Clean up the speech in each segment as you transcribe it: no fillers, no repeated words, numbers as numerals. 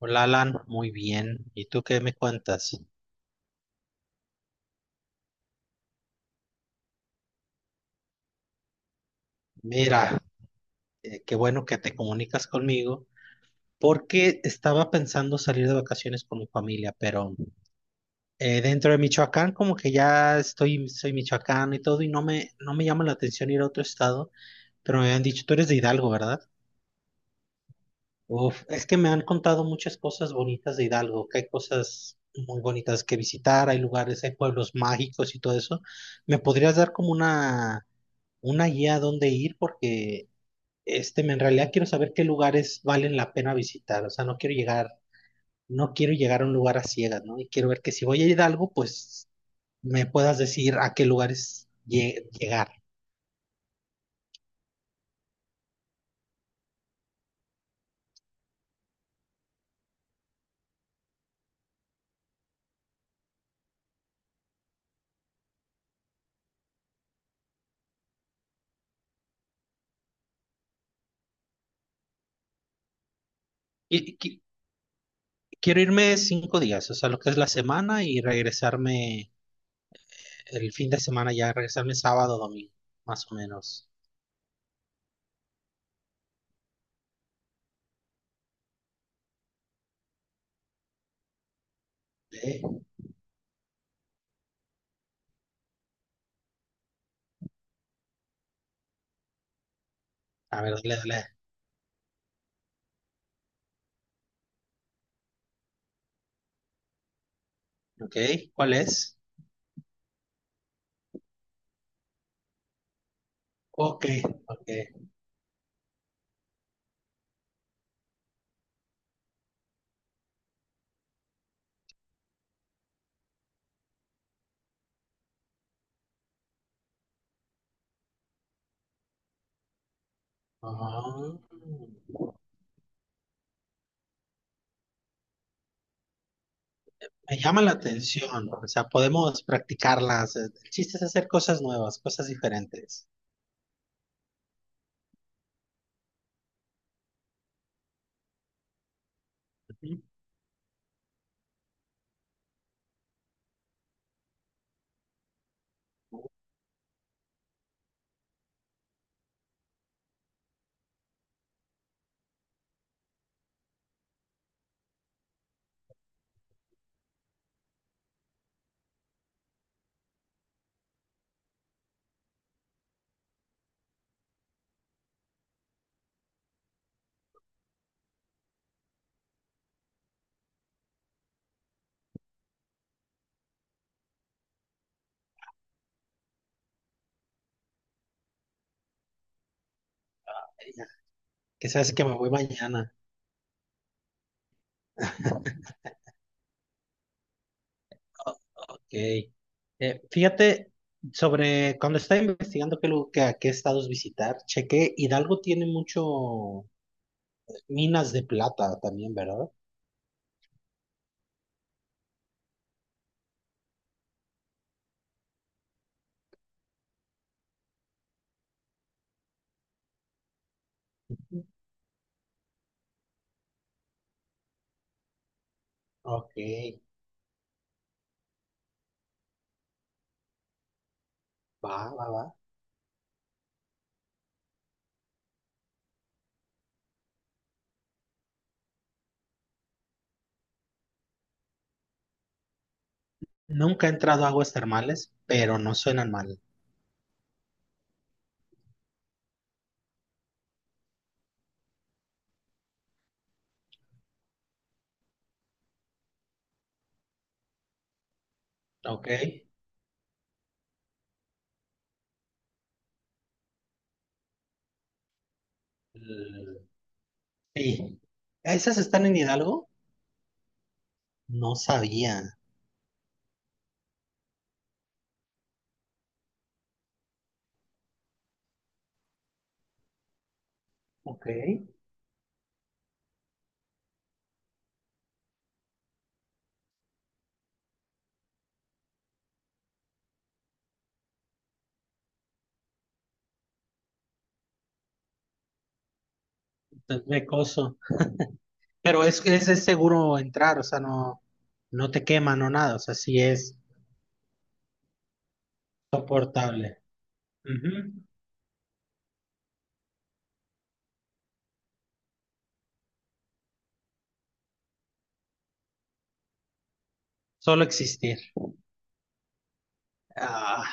Hola Alan, muy bien. ¿Y tú qué me cuentas? Mira, qué bueno que te comunicas conmigo porque estaba pensando salir de vacaciones con mi familia, pero dentro de Michoacán como que ya estoy, soy michoacano y todo y no me llama la atención ir a otro estado, pero me habían dicho, tú eres de Hidalgo, ¿verdad? Uf, es que me han contado muchas cosas bonitas de Hidalgo, que hay cosas muy bonitas que visitar, hay lugares, hay pueblos mágicos y todo eso. ¿Me podrías dar como una guía a dónde ir porque en realidad quiero saber qué lugares valen la pena visitar? O sea, no quiero llegar a un lugar a ciegas, ¿no? Y quiero ver que si voy a Hidalgo, pues me puedas decir a qué lugares llegar. Y, y qui- Quiero irme 5 días, o sea, lo que es la semana y regresarme el fin de semana ya, regresarme sábado, domingo, más o menos. Eh, A ver, dale, dale. Ok, ¿cuál es? Ok, ok. Ah. Me llama la atención, ¿no? O sea, podemos practicarlas. El chiste es hacer cosas nuevas, cosas diferentes. Ujú. Que sabes que me voy mañana. Ok. Fíjate, sobre cuando estaba investigando qué, a qué estados visitar, chequé, Hidalgo tiene mucho minas de plata también, ¿verdad? Ujú. Ok, va, va, va. Nunca he entrado a aguas termales, pero no suenan mal. Ok. Mm, sí. ¿Esas están en Hidalgo? No sabía. Ok, entonces de coso. Pero es seguro entrar, o sea, no te quema, no nada, o sea, sí es soportable. Ujú. Solo existir. Ah,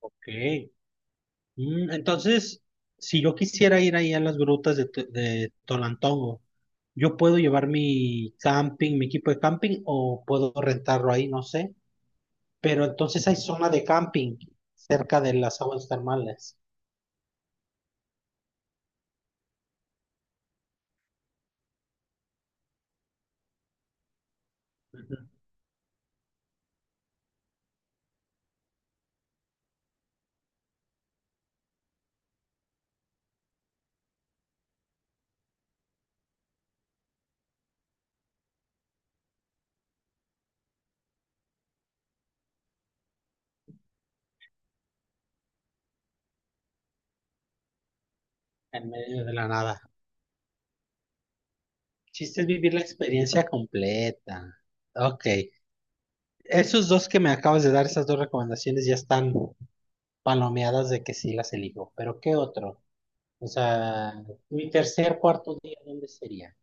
ok. Mm, entonces, si yo quisiera ir ahí a las grutas de Tolantongo, ¿yo puedo llevar mi camping, mi equipo de camping, o puedo rentarlo ahí? No sé. Pero entonces hay zona de camping cerca de las aguas termales. Ujú. En medio de la nada. Chiste es vivir la experiencia completa. Ok. Esos dos que me acabas de dar, esas dos recomendaciones ya están palomeadas de que sí las elijo. Pero ¿qué otro? O sea, mi tercer, cuarto día, ¿dónde sería?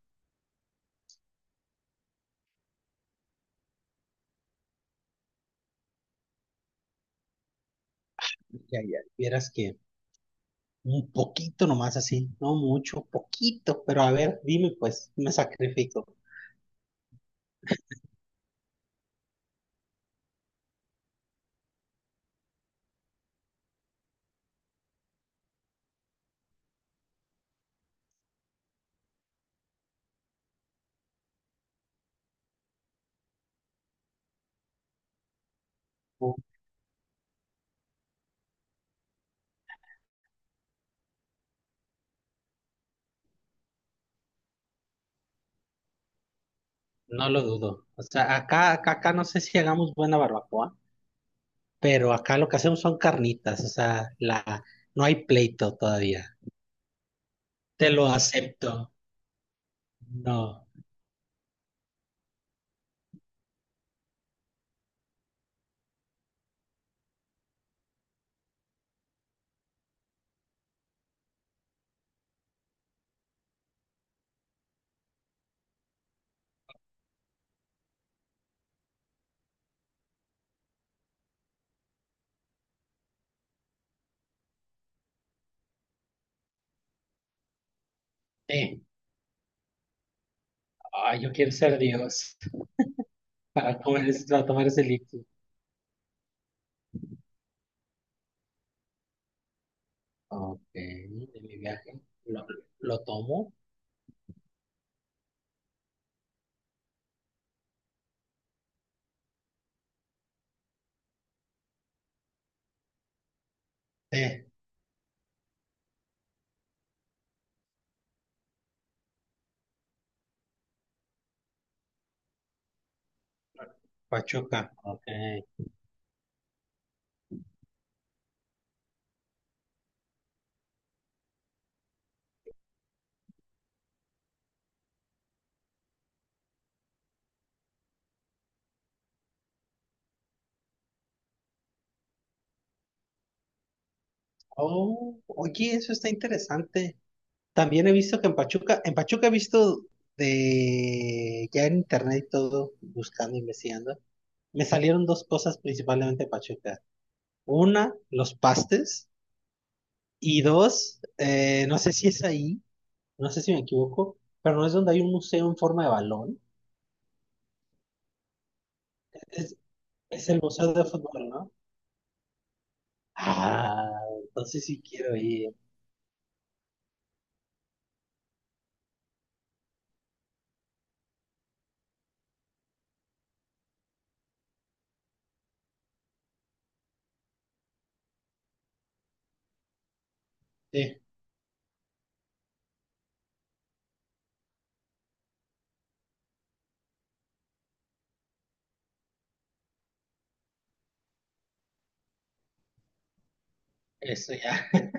Ya, ya, vieras que un poquito nomás así, no mucho, poquito, pero a ver, dime pues, me sacrifico. No, no lo dudo. O sea, acá, acá, acá no sé si hagamos buena barbacoa, pero acá lo que hacemos son carnitas, o sea, la, no hay pleito todavía. Te lo acepto. No. Eh, Ay, yo quiero ser Dios para para tomar ese líquido. Ok, de mi viaje. Lo tomo. Eh, Pachuca. Ok. Oh, oye, eso está interesante. También he visto que en Pachuca he visto de ya en internet y todo, buscando, investigando. Me salieron dos cosas principalmente de Pachuca. Una, los pastes. Y dos, no sé si es ahí. No sé si me equivoco, pero no es donde hay un museo en forma de balón. Es, es el museo de fútbol, ¿no? Ah, entonces sí quiero ir. Sí, eso ya.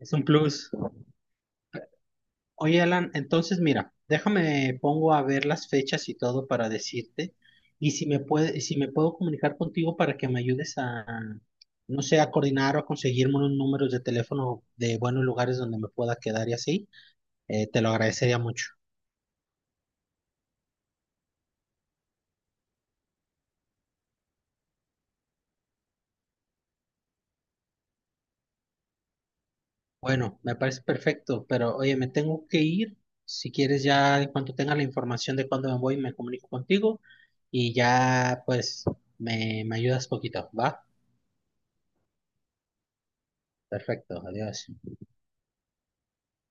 Es un plus. Oye, Alan, entonces mira, déjame pongo a ver las fechas y todo para decirte. Y si si me puedo comunicar contigo para que me ayudes a, no sé, a coordinar o a conseguirme unos números de teléfono de buenos lugares donde me pueda quedar y así, te lo agradecería mucho. Bueno, me parece perfecto, pero oye, me tengo que ir. Si quieres, ya en cuanto tenga la información de cuándo me voy, me comunico contigo y ya pues me ayudas poquito, ¿va? Perfecto, adiós.